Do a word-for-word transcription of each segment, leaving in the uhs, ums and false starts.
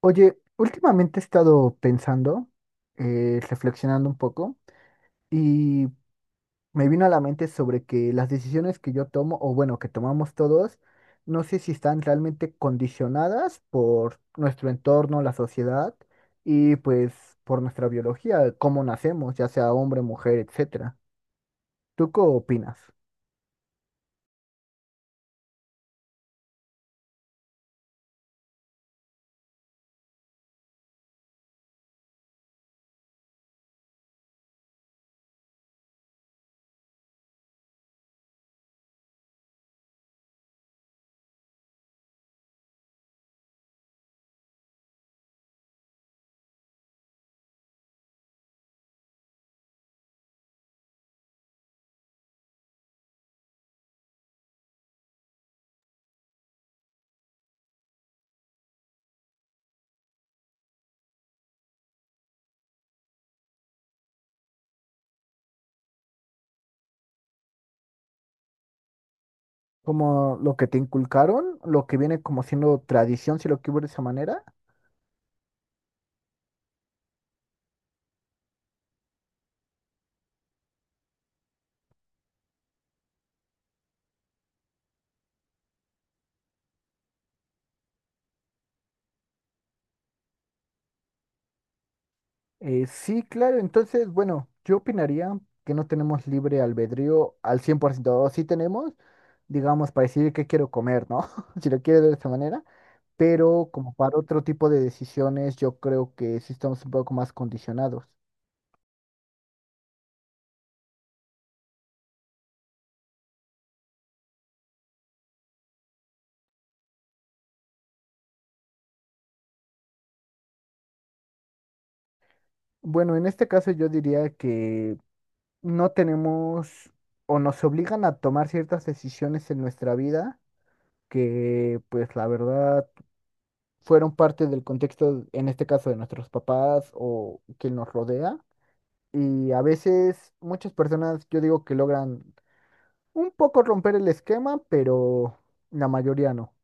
Oye, últimamente he estado pensando, eh, reflexionando un poco, y me vino a la mente sobre que las decisiones que yo tomo, o bueno, que tomamos todos, no sé si están realmente condicionadas por nuestro entorno, la sociedad, y pues por nuestra biología, cómo nacemos, ya sea hombre, mujer, etcétera. ¿Tú qué opinas? ¿Como lo que te inculcaron, lo que viene como siendo tradición, si lo que hubo de esa manera? Eh, sí, claro, entonces, bueno, yo opinaría que no tenemos libre albedrío al cien por ciento, sí tenemos, digamos, para decidir qué quiero comer, ¿no? Si lo quiero de esta manera, pero como para otro tipo de decisiones, yo creo que sí estamos un poco más condicionados. Bueno, en este caso yo diría que no tenemos o nos obligan a tomar ciertas decisiones en nuestra vida que, pues, la verdad, fueron parte del contexto, en este caso, de nuestros papás o quien nos rodea Y a veces muchas personas, yo digo que logran un poco romper el esquema, pero la mayoría no.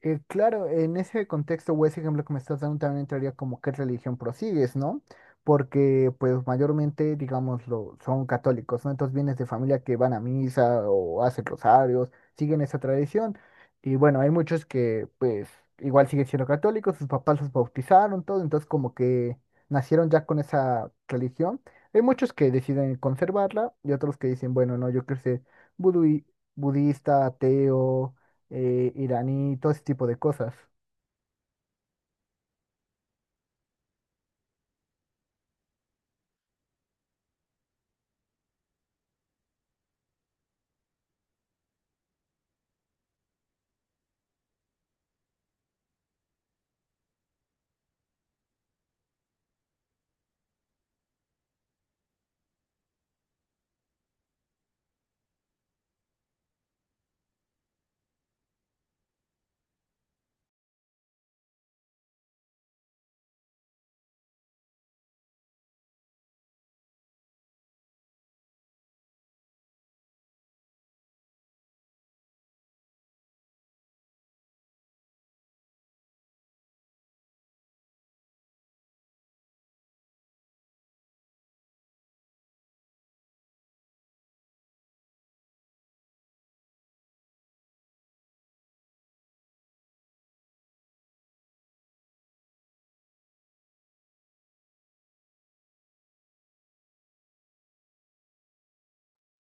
Eh, claro, en ese contexto o ese ejemplo que me estás dando también entraría como qué religión prosigues, ¿no? Porque pues mayormente, digámoslo, son católicos, ¿no? Entonces vienes de familia que van a misa o hacen rosarios, siguen esa tradición. Y bueno, hay muchos que pues igual siguen siendo católicos, sus papás los bautizaron, todo, entonces como que nacieron ya con esa religión. Hay muchos que deciden conservarla y otros que dicen, bueno, no, yo quiero ser budui- budista, ateo eh, iraní, todo ese tipo de cosas.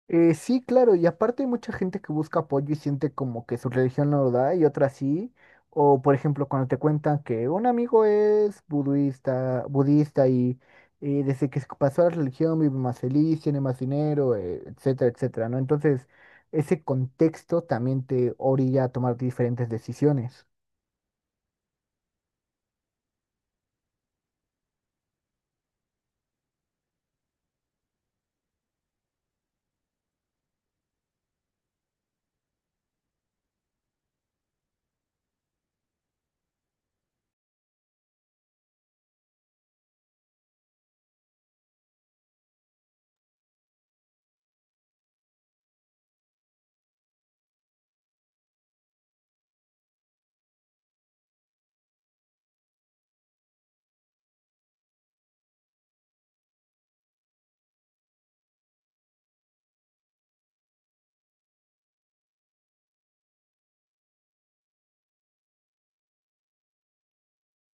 Eh, sí, claro, y aparte hay mucha gente que busca apoyo y siente como que su religión no lo da y otra sí. O por ejemplo, cuando te cuentan que un amigo es budista, budista y eh, desde que se pasó a la religión vive más feliz, tiene más dinero, eh, etcétera, etcétera, ¿no? Entonces, ese contexto también te orilla a tomar diferentes decisiones.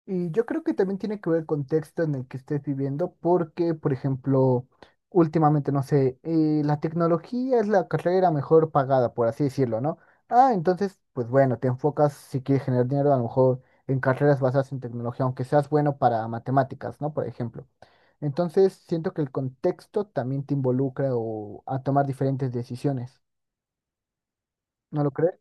Y yo creo que también tiene que ver el contexto en el que estés viviendo, porque, por ejemplo, últimamente, no sé, eh, la tecnología es la carrera mejor pagada, por así decirlo, ¿no? Ah, entonces, pues bueno, te enfocas, si quieres generar dinero, a lo mejor en carreras basadas en tecnología, aunque seas bueno para matemáticas, ¿no? Por ejemplo. Entonces, siento que el contexto también te involucra o a tomar diferentes decisiones, ¿no lo crees?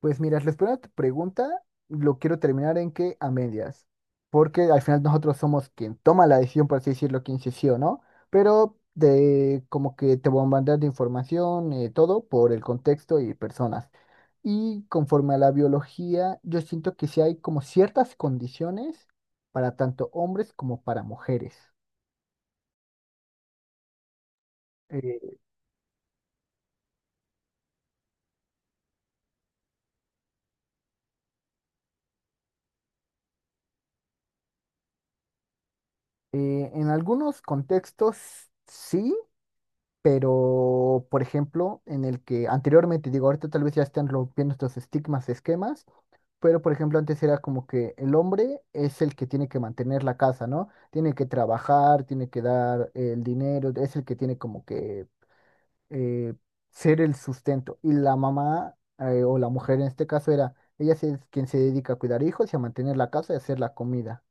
Pues mira, respondiendo a tu pregunta, lo quiero terminar en que a medias, porque al final nosotros somos quien toma la decisión, por así decirlo, quien dice sí o no, pero de como que te bombardean de información, eh, todo por el contexto y personas. Y conforme a la biología, yo siento que sí hay como ciertas condiciones para tanto hombres como para mujeres. Eh, eh, en algunos contextos sí, pero por ejemplo, en el que anteriormente, digo, ahorita tal vez ya están rompiendo estos estigmas, esquemas, pero por ejemplo, antes era como que el hombre es el que tiene que mantener la casa, ¿no? Tiene que trabajar, tiene que dar el dinero, es el que tiene como que eh, ser el sustento. Y la mamá, eh, o la mujer en este caso era, ella sí es quien se dedica a cuidar hijos y a mantener la casa y a hacer la comida.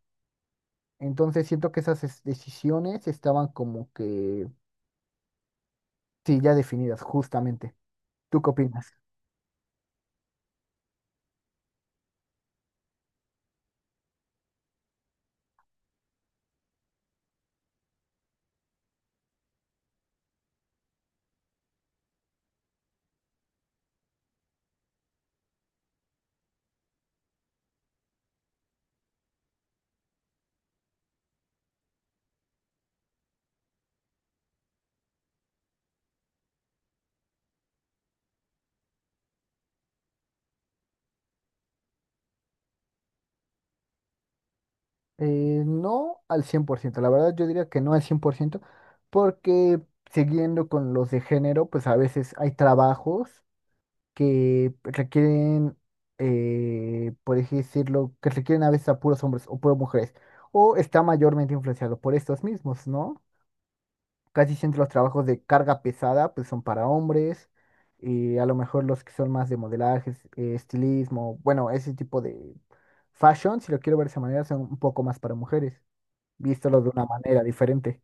Entonces siento que esas es- decisiones estaban como que, sí, ya definidas, justamente. ¿Tú qué opinas? Eh, no al cien por ciento. La verdad yo diría que no al cien por ciento, porque siguiendo con los de género, pues a veces hay trabajos que requieren, eh, por así decirlo, que requieren a veces a puros hombres o puras mujeres, o está mayormente influenciado por estos mismos, ¿no? Casi siempre los trabajos de carga pesada pues son para hombres y a lo mejor los que son más de modelaje, es- eh, estilismo, bueno, ese tipo de fashion, si lo quiero ver de esa manera, son un poco más para mujeres, visto de una manera diferente.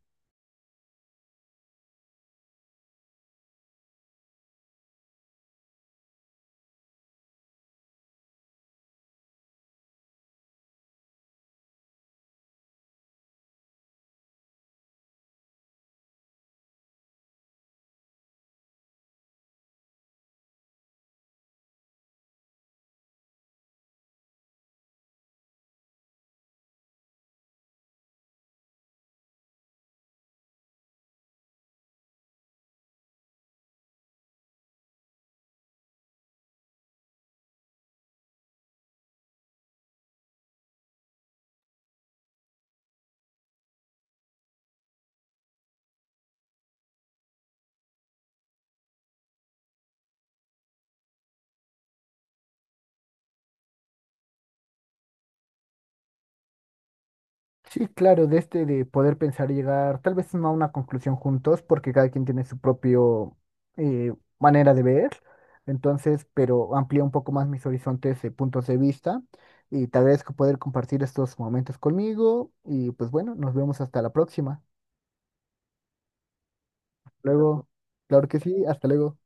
Sí, claro, de este de poder pensar y llegar, tal vez no a una conclusión juntos, porque cada quien tiene su propio eh, manera de ver, entonces, pero amplía un poco más mis horizontes de puntos de vista y te agradezco poder compartir estos momentos conmigo y pues bueno, nos vemos hasta la próxima. Luego, claro que sí, hasta luego.